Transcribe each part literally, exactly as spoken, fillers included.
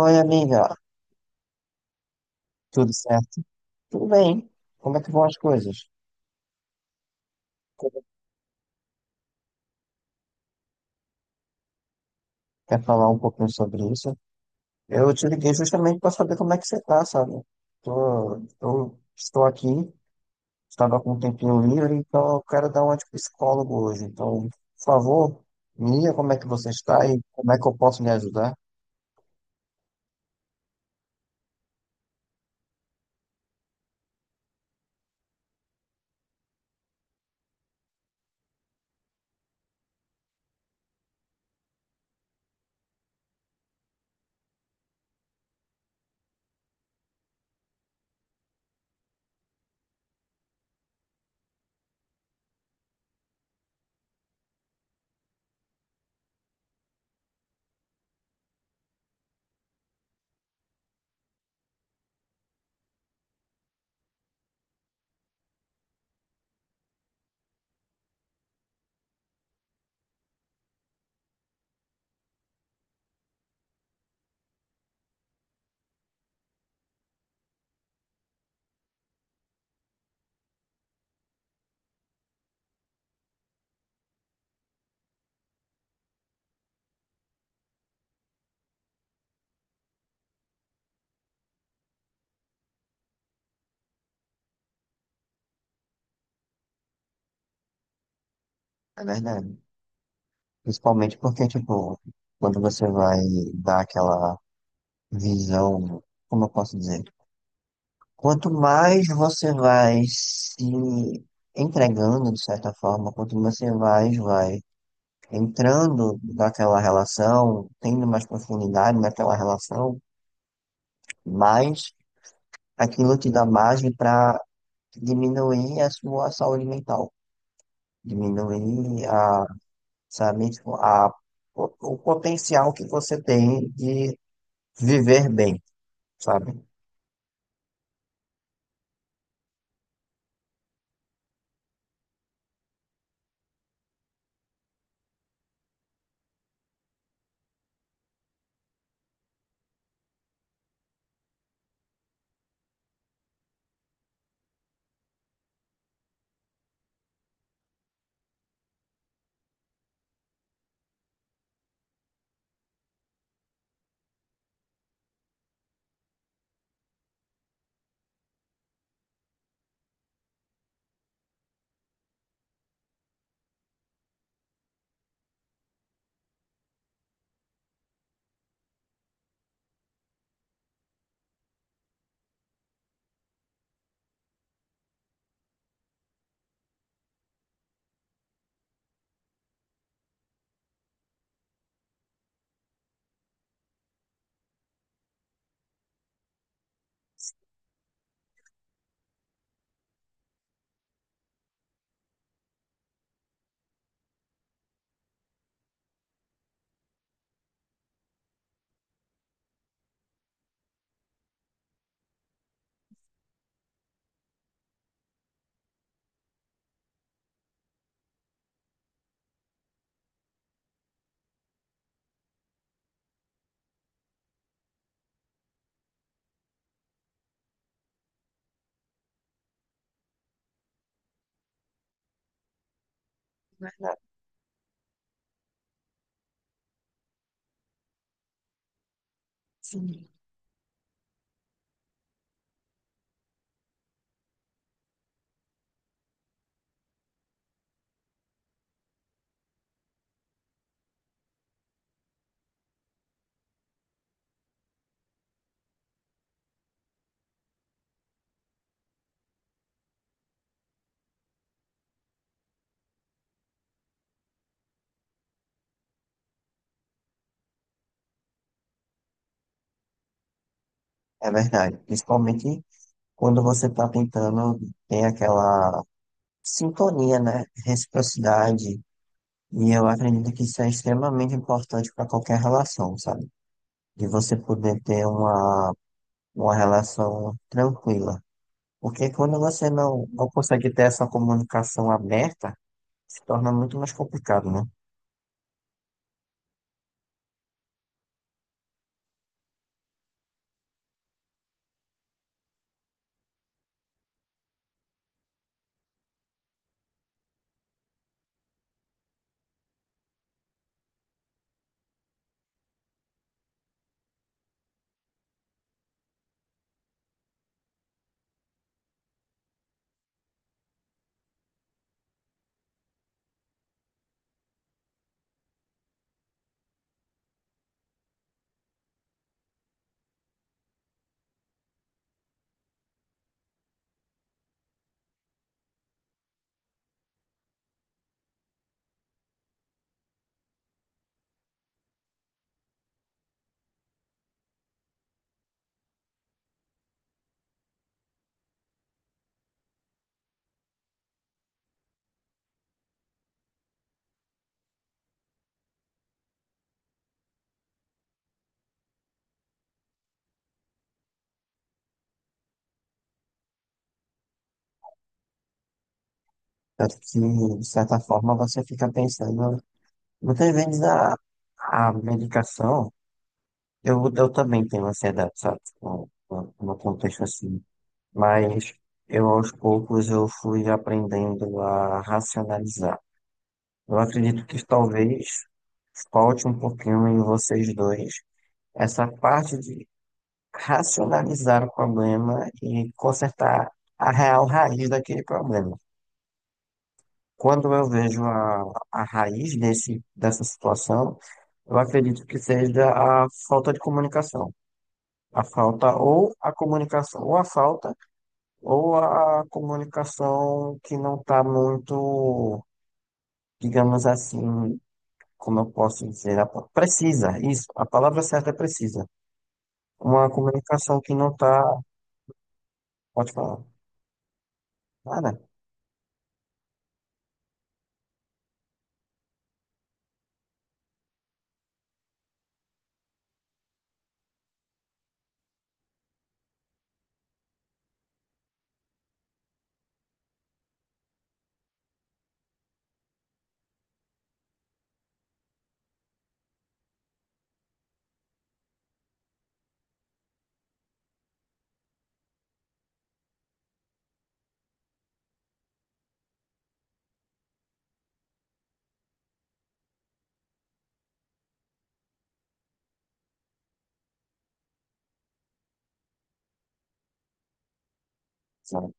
Oi, amiga, tudo certo? Tudo bem? Como é que vão as coisas? Quer falar um pouquinho sobre isso? Eu te liguei justamente para saber como é que você tá, sabe? Tô, eu estou aqui, estava com um tempinho livre, então eu quero dar uma de psicólogo hoje. Então, por favor, me diga como é que você está e como é que eu posso lhe ajudar. É verdade. Principalmente porque, tipo, quando você vai dar aquela visão, como eu posso dizer? Quanto mais você vai se entregando, de certa forma, quanto mais você vai, vai entrando naquela relação, tendo mais profundidade naquela relação, mais aquilo te dá margem para diminuir a sua saúde mental, diminuir a, sabe, tipo, a, o, o potencial que você tem de viver bem, sabe? É verdade. Principalmente quando você está tentando, tem aquela sintonia, né? Reciprocidade. E eu acredito que isso é extremamente importante para qualquer relação, sabe? De você poder ter uma, uma relação tranquila. Porque quando você não, não consegue ter essa comunicação aberta, se torna muito mais complicado, né? Tanto que, de certa forma, você fica pensando. Muitas vezes a, a medicação. Eu, eu também tenho ansiedade, sabe? Tipo, no no contexto assim. Mas eu aos poucos eu fui aprendendo a racionalizar. Eu acredito que talvez falte um pouquinho em vocês dois essa parte de racionalizar o problema e consertar a real raiz daquele problema. Quando eu vejo a, a raiz desse, dessa situação, eu acredito que seja a falta de comunicação. A falta ou a comunicação, ou a falta ou a comunicação que não está muito, digamos assim, como eu posso dizer, a- precisa, isso, a palavra certa é precisa. Uma comunicação que não está, pode falar, nada, sabe?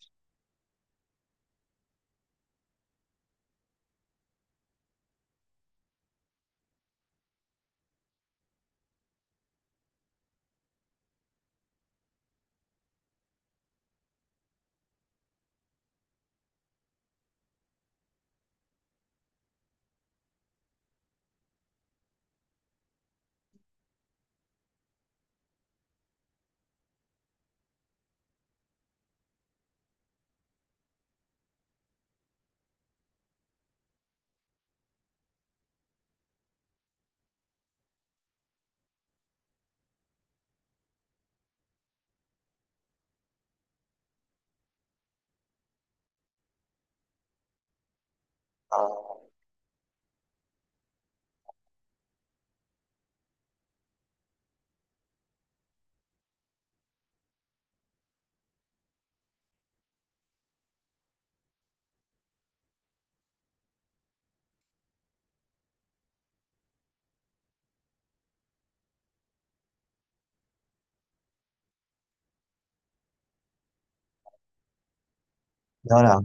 Ah, melhorar,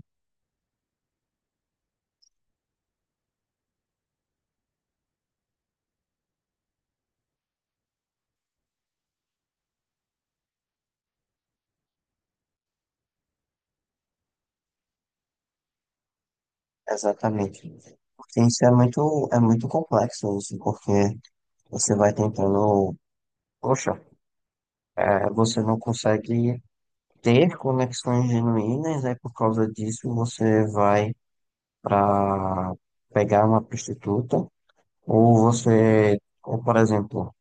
exatamente. Porque isso é muito, é muito complexo, isso, porque você vai tentando, poxa, é, você não consegue ter conexões genuínas, aí por causa disso você vai para pegar uma prostituta. Ou você, ou por exemplo,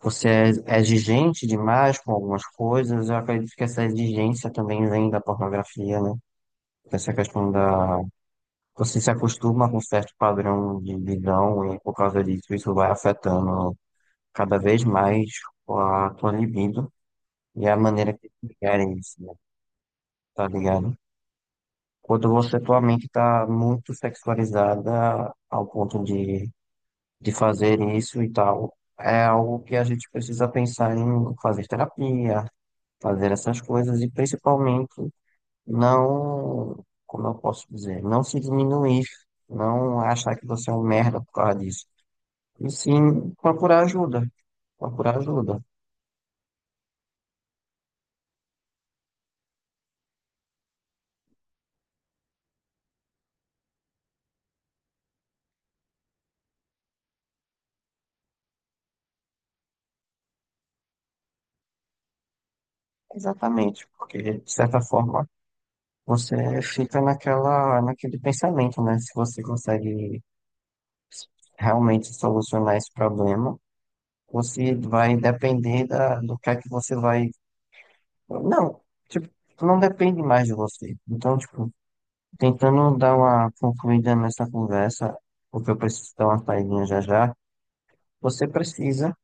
você é é exigente demais com algumas coisas, eu acredito que essa exigência também vem da pornografia, né? Essa questão da. Você se acostuma com um certo padrão de visão e por causa disso isso vai afetando cada vez mais a tua libido e a maneira que tu querem isso, né? Tá ligado? Quando você, tua mente tá muito sexualizada ao ponto de de fazer isso e tal. É algo que a gente precisa pensar em fazer terapia, fazer essas coisas e principalmente não, como eu posso dizer, não se diminuir, não achar que você é um merda por causa disso. E sim procurar ajuda, procurar ajuda. Exatamente, porque de certa forma você fica naquela, naquele pensamento, né? Se você consegue realmente solucionar esse problema, você vai depender da, do que é que você vai. Não, tipo, não depende mais de você. Então, tipo, tentando dar uma concluída nessa conversa, porque eu preciso dar uma saída já já, você precisa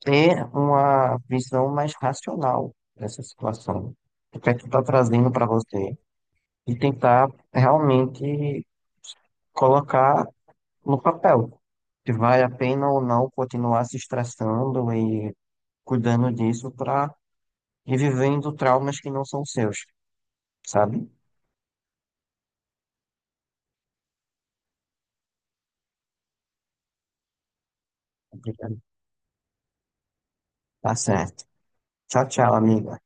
ter uma visão mais racional dessa situação. O que é que está trazendo para você? E tentar realmente colocar no papel se vale a pena ou não continuar se estressando e cuidando disso para revivendo traumas que não são seus, sabe? Tá certo. Tchau, tchau, amiga.